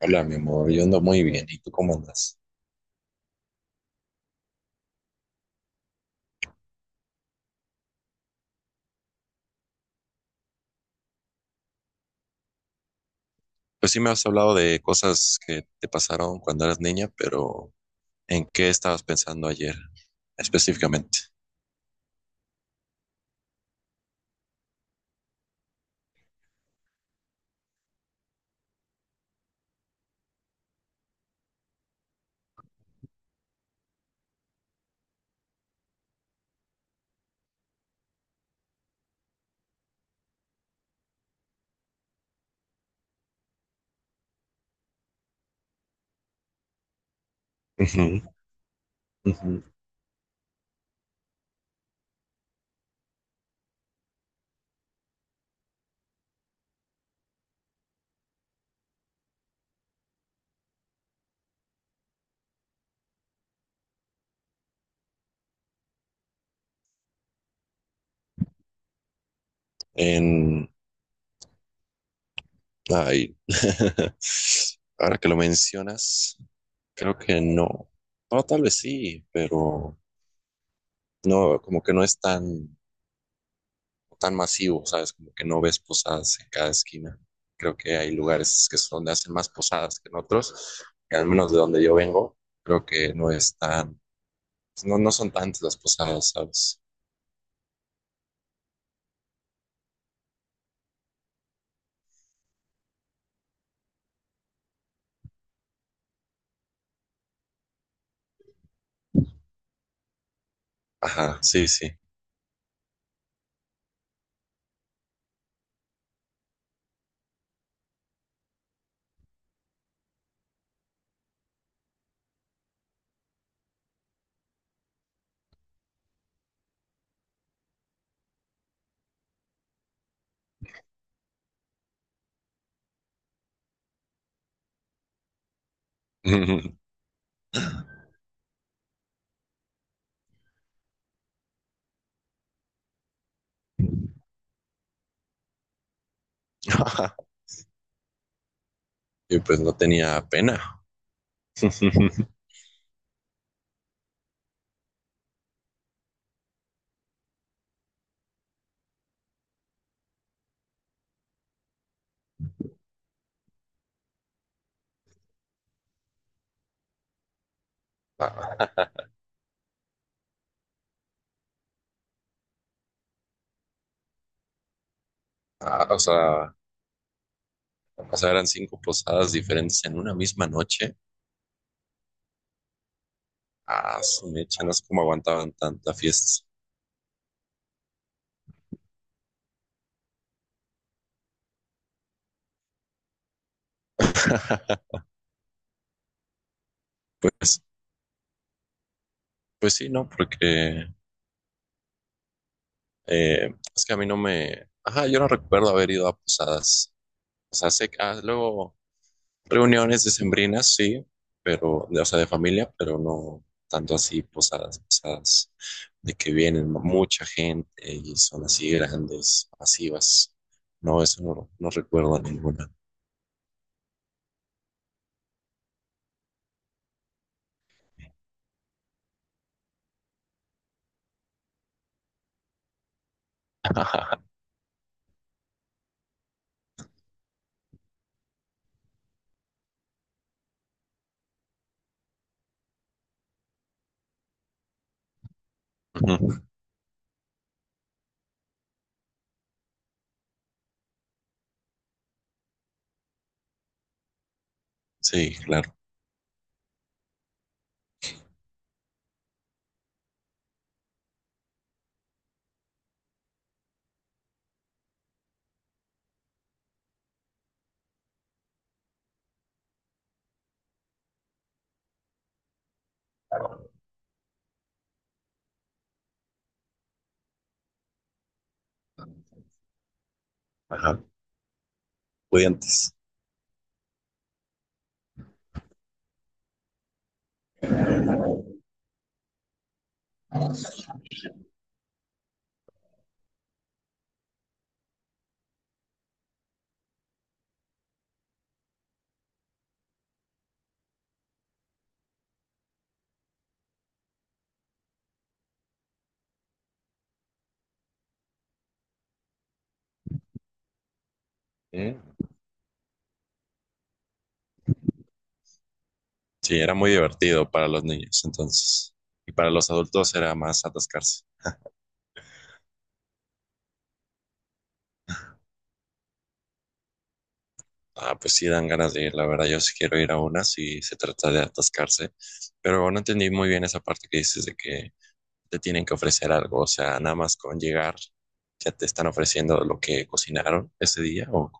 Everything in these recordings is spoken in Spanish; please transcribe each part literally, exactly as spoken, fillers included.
Hola, mi amor, yo ando muy bien. ¿Y tú cómo andas? Pues sí me has hablado de cosas que te pasaron cuando eras niña, pero ¿en qué estabas pensando ayer específicamente? Ujú, ujú. En... Ay, ahora que lo mencionas, creo que no. No, tal vez sí, pero no, como que no es tan tan masivo, ¿sabes? Como que no ves posadas en cada esquina. Creo que hay lugares que son donde hacen más posadas que en otros, que al menos de donde yo vengo, creo que no es tan, pues, no, no son tantas las posadas, ¿sabes? Ajá, sí, sí. Y pues no tenía pena. Ah, ah, o sea, o sea, eran cinco posadas diferentes en una misma noche. Ah, su mecha, no sé cómo aguantaban tanta fiesta. Pues, pues sí, ¿no? Porque Eh, es que a mí no me... Ajá, yo no recuerdo haber ido a posadas. O sea, sé que ah, luego reuniones decembrinas, sí, pero, de- o sea, de familia, pero no tanto así posadas, posadas, de que vienen mucha gente y son así grandes, masivas. No, eso no, no recuerdo ninguna. Ujú. Sí, claro. Ajá. Pudientes. ¿Eh? Sí, era muy divertido para los niños entonces. Y para los adultos era más atascarse. Ah, pues sí dan ganas de ir, la verdad. Yo sí quiero ir a una si se trata de atascarse, pero no entendí muy bien esa parte que dices de que te tienen que ofrecer algo, o sea, nada más con llegar ya te están ofreciendo lo que cocinaron ese día o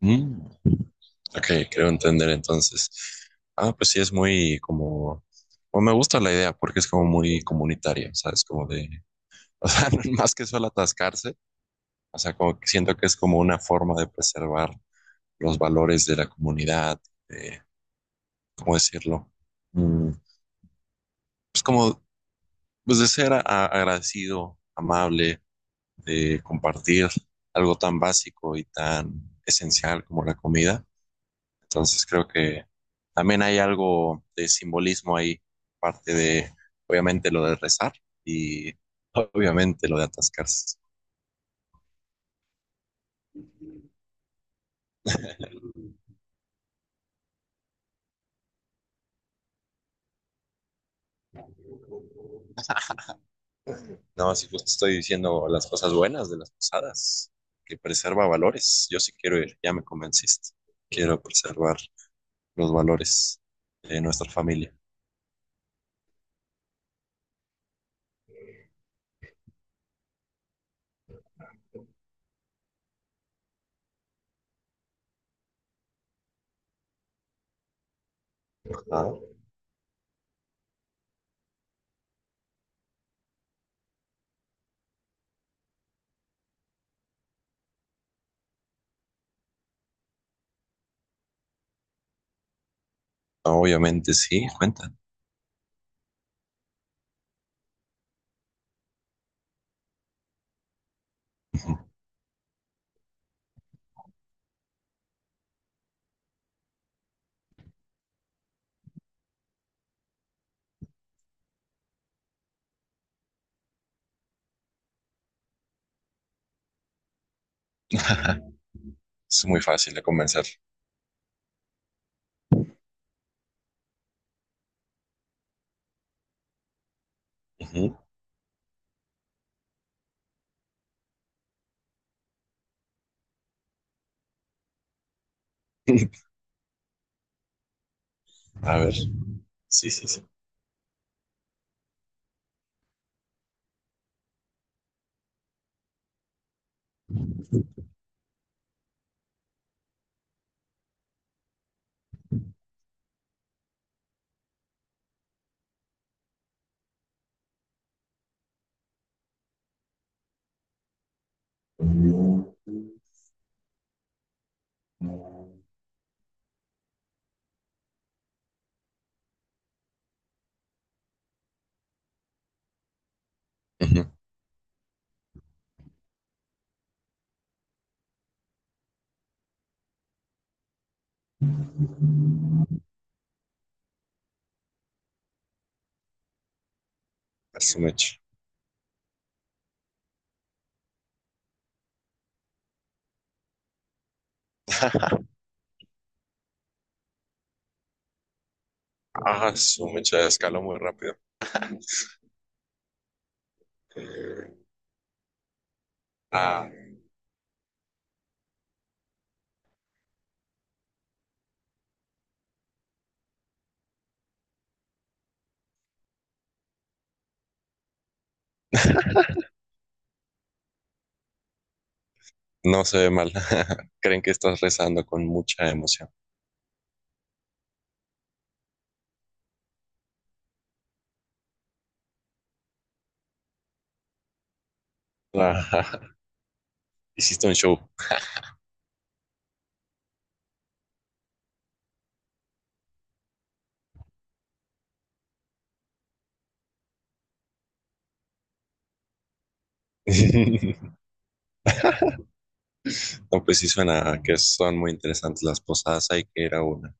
Mm, ok, creo entender entonces. Ah, pues sí es muy como o me gusta la idea porque es como muy comunitaria, ¿sabes? Como de, o sea, más que solo atascarse, o sea, como que siento que es como una forma de preservar los valores de la comunidad, de ¿cómo decirlo? Mm, pues como, pues de ser a- a- agradecido, amable, de compartir algo tan básico y tan esencial como la comida. Entonces creo que también hay algo de simbolismo ahí, parte de, obviamente, lo de rezar y obviamente lo de atascarse. No, si justo estoy diciendo las cosas buenas de las posadas, que preserva valores. Yo sí quiero ir, ya me convenciste. Quiero preservar los valores de nuestra familia. Ah, obviamente sí, cuentan. Es muy fácil de convencer. Ujú. A ver, sí, sí, sí. Ujú. A su mecha. Ah, su mecha escaló muy rápido. Ah, no se ve mal. Creen que estás rezando con mucha emoción. Ah, hiciste un show. No, pues sí suena que son muy interesantes las posadas. Hay que ir a una.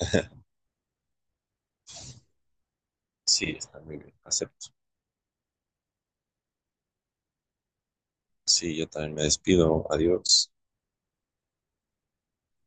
Sí, está muy bien. Acepto. Sí, yo también me despido. Adiós.